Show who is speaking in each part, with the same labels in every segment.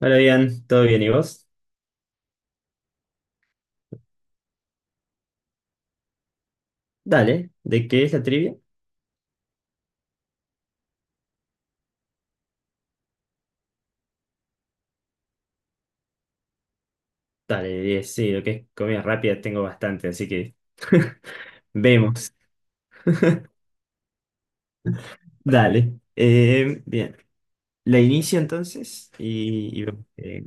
Speaker 1: Hola, bien, ¿todo bien? ¿Y vos? Dale, ¿de qué es la trivia? Dale, 10, sí, lo que es comida rápida tengo bastante, así que vemos. Dale, bien, la inicio entonces y vemos qué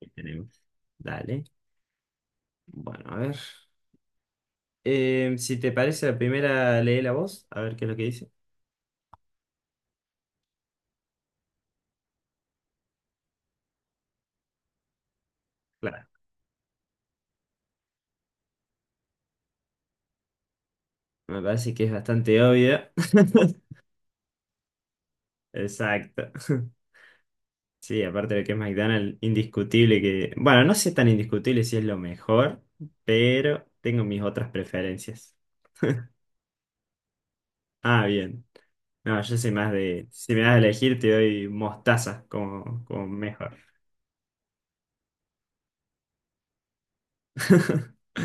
Speaker 1: qué tenemos. Dale, bueno, a ver. Si te parece, la primera lee la voz, a ver qué es lo que dice. Claro, me parece que es bastante obvio. Exacto. Sí, aparte de que es McDonald's, indiscutible que... Bueno, no sé tan indiscutible si es lo mejor, pero tengo mis otras preferencias. Ah, bien. No, yo soy más de... Si me das a elegir, te doy mostaza como mejor.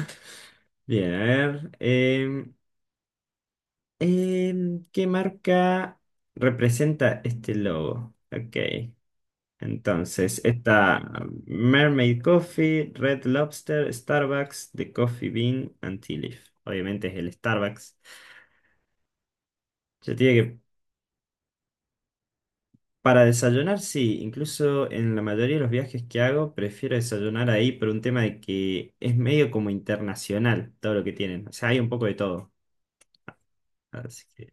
Speaker 1: Bien, a ver. ¿Qué marca representa este logo? Ok. Entonces, está Mermaid Coffee, Red Lobster, Starbucks, The Coffee Bean and Tea Leaf. Obviamente es el Starbucks. Yo te digo que para desayunar, sí, incluso en la mayoría de los viajes que hago, prefiero desayunar ahí por un tema de que es medio como internacional todo lo que tienen. O sea, hay un poco de todo. Así que,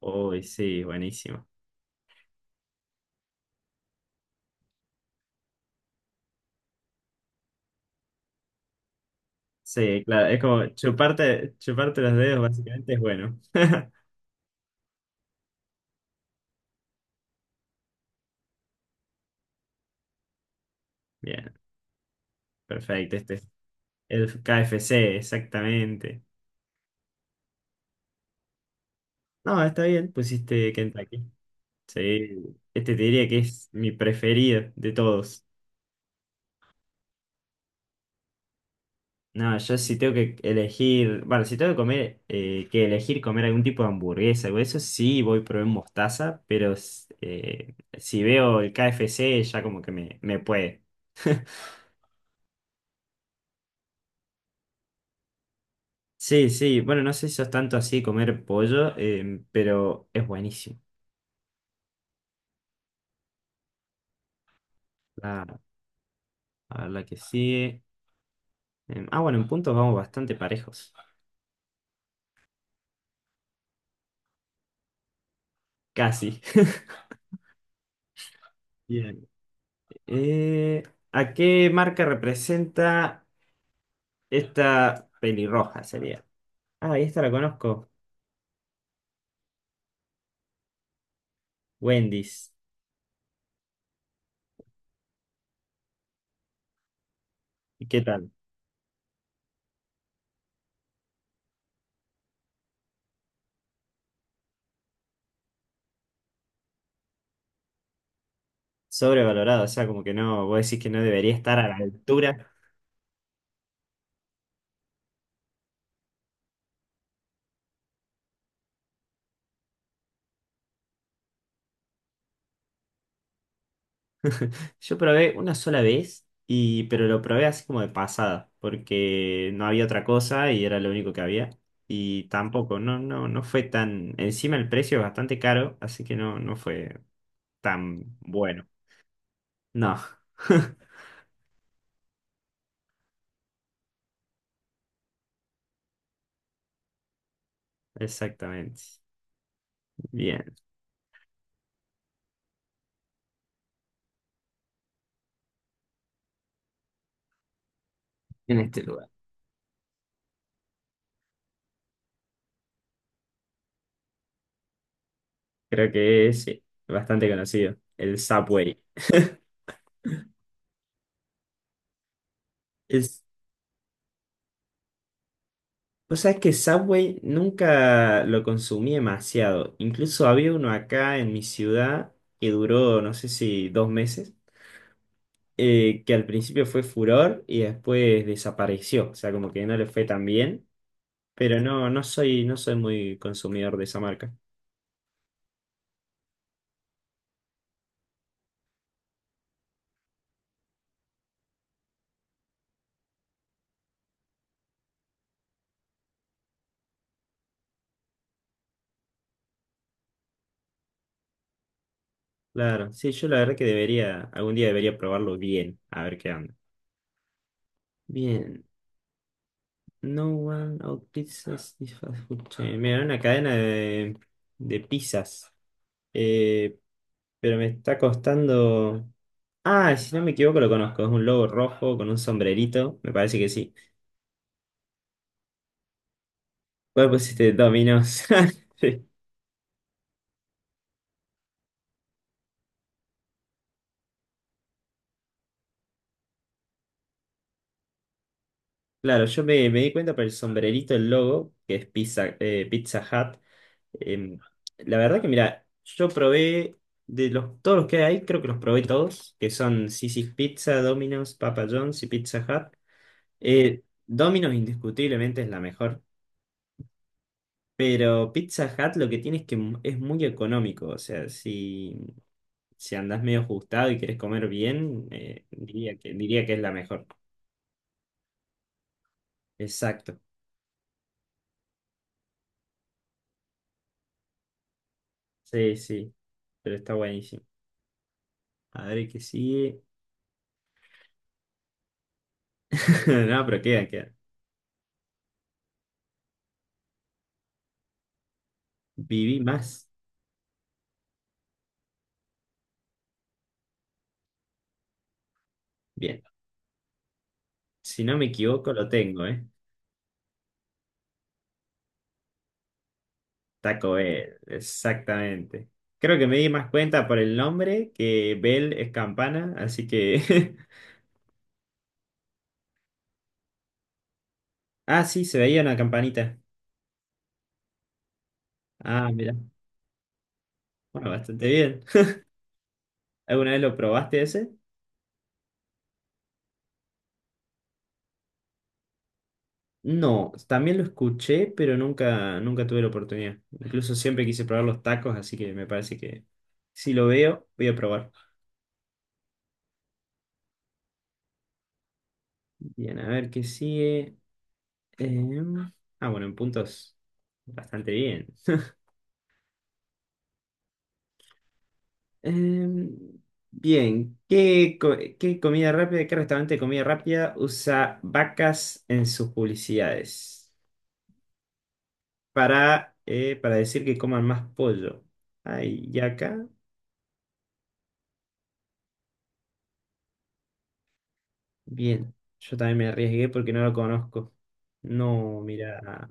Speaker 1: uy, sí, buenísimo. Sí, claro, es como chuparte los dedos, básicamente es bueno. Bien, perfecto. Este el KFC, exactamente. No, está bien, pusiste Kentucky. Sí, este te diría que es mi preferido de todos. No, yo si tengo que elegir, bueno, si tengo que comer, que elegir comer algún tipo de hamburguesa o eso, sí voy a probar mostaza, pero si veo el KFC ya como que me puede. Sí, sí, bueno, no sé si sos tanto así de comer pollo, pero es buenísimo. La, a ver la que sigue. Bueno, en puntos vamos bastante parejos. Casi. Bien. Eh, ¿A qué marca representa esta pelirroja sería? Ah, y esta la conozco. Wendy's. ¿Y qué tal? Sobrevalorado, o sea, como que no, vos decís que no debería estar a la altura. Yo probé una sola vez, y, pero lo probé así como de pasada, porque no había otra cosa y era lo único que había. Y tampoco, no fue tan. Encima el precio es bastante caro, así que no fue tan bueno. No. Exactamente. Bien. En este lugar. Creo que es sí, bastante conocido. El Subway. Es, o sea, es que Subway nunca lo consumí demasiado. Incluso había uno acá en mi ciudad que duró, no sé si dos meses, que al principio fue furor y después desapareció. O sea, como que no le fue tan bien. Pero no, no soy muy consumidor de esa marca. Claro, sí, yo la verdad que debería, algún día debería probarlo bien, a ver qué onda. Bien. No one out pizzas is fast food chain. Mira, era una cadena de pizzas. Eh, pero me está costando. Ah, si no me equivoco, lo conozco. Es un lobo rojo con un sombrerito. Me parece que sí. ¿Cuál pusiste? Domino's. Sí. Claro, yo me di cuenta por el sombrerito, el logo, que es Pizza, Pizza Hut. Em, la verdad que, mira, yo probé todos los que hay, creo que los probé todos, que son Sissy's Pizza, Domino's, Papa John's y Pizza Hut. Domino's indiscutiblemente es la mejor, pero Pizza Hut lo que tiene es que es muy económico, o sea, si, si andás medio ajustado y querés comer bien, diría que es la mejor. Exacto, sí, sí, pero está buenísimo. A ver qué sigue. No, pero queda, queda. Viví más. Bien, si no me equivoco lo tengo, ¿eh? Taco Bell, exactamente. Creo que me di más cuenta por el nombre que Bell es campana, así que Ah, sí, se veía una campanita. Ah, mira. Bueno, bastante bien. ¿Alguna vez lo probaste ese? No, también lo escuché, pero nunca tuve la oportunidad. Incluso siempre quise probar los tacos, así que me parece que si lo veo, voy a probar. Bien, a ver qué sigue. Em, bueno, en puntos. Bastante bien. Em, Bien, ¿qué comida rápida, qué restaurante de comida rápida usa vacas en sus publicidades? Para, para decir que coman más pollo. Ay, y acá, bien. Yo también me arriesgué porque no lo conozco. No, mira,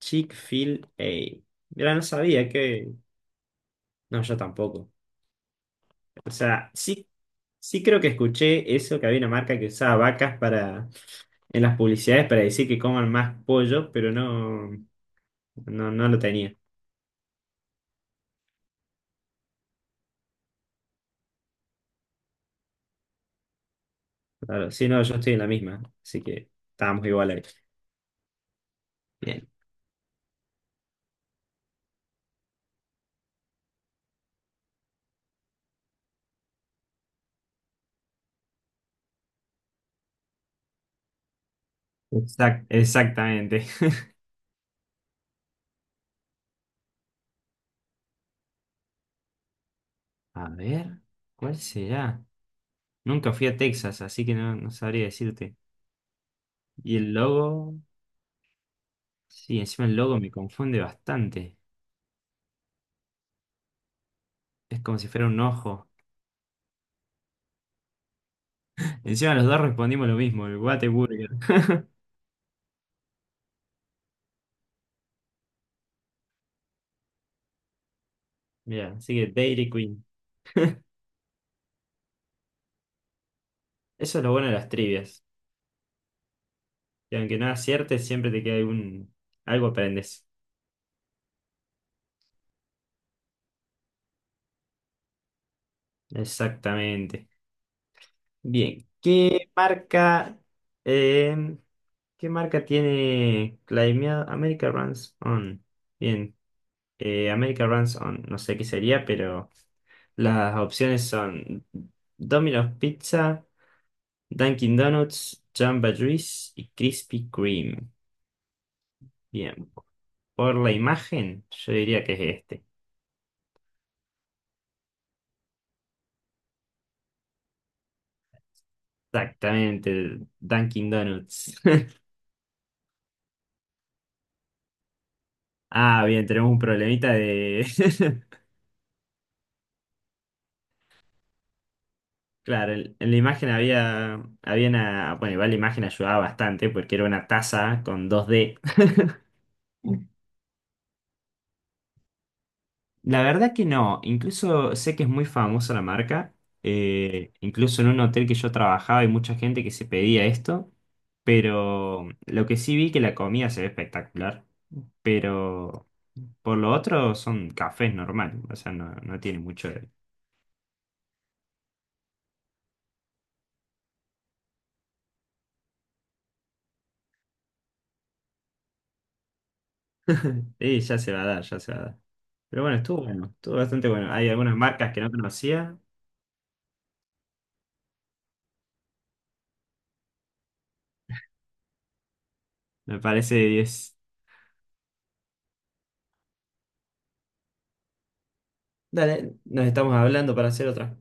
Speaker 1: Chick-fil-A. Mira, no sabía que... No, yo tampoco. O sea, sí, sí creo que escuché eso, que había una marca que usaba vacas para... en las publicidades para decir que coman más pollo, pero no, no lo tenía. Claro, sí, no, yo estoy en la misma, así que estábamos igual ahí. Bien. Exactamente. A ver, ¿cuál será? Nunca fui a Texas, así que no, no sabría decirte. Y el logo, sí, encima el logo me confunde bastante. Es como si fuera un ojo. Encima los dos respondimos lo mismo, el Whataburger. Mira, así que Dairy Queen. Eso es lo bueno de las trivias. Que aunque no aciertes, siempre te queda algún... algo aprendes. Exactamente. Bien, eh, ¿qué marca tiene Climate America Runs On? Bien, American Ransom, no sé qué sería, pero las opciones son Domino's Pizza, Dunkin' Donuts, Jamba Juice y Krispy Kreme. Bien, por la imagen, yo diría que es este. Exactamente, el Dunkin' Donuts. Ah, bien, tenemos un problemita de... Claro, en la imagen había, había una... Bueno, igual la imagen ayudaba bastante porque era una taza con dos d La verdad que no, incluso sé que es muy famosa la marca, incluso en un hotel que yo trabajaba hay mucha gente que se pedía esto, pero lo que sí vi que la comida se ve espectacular, pero por lo otro son cafés normal, o sea, no, no tiene mucho de... Sí, ya se va a dar, ya se va a dar. Pero bueno, estuvo bastante bueno. Hay algunas marcas que no conocía, me parece de 10. Dale, nos estamos hablando para hacer otra.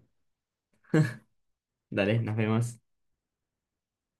Speaker 1: Dale, nos vemos.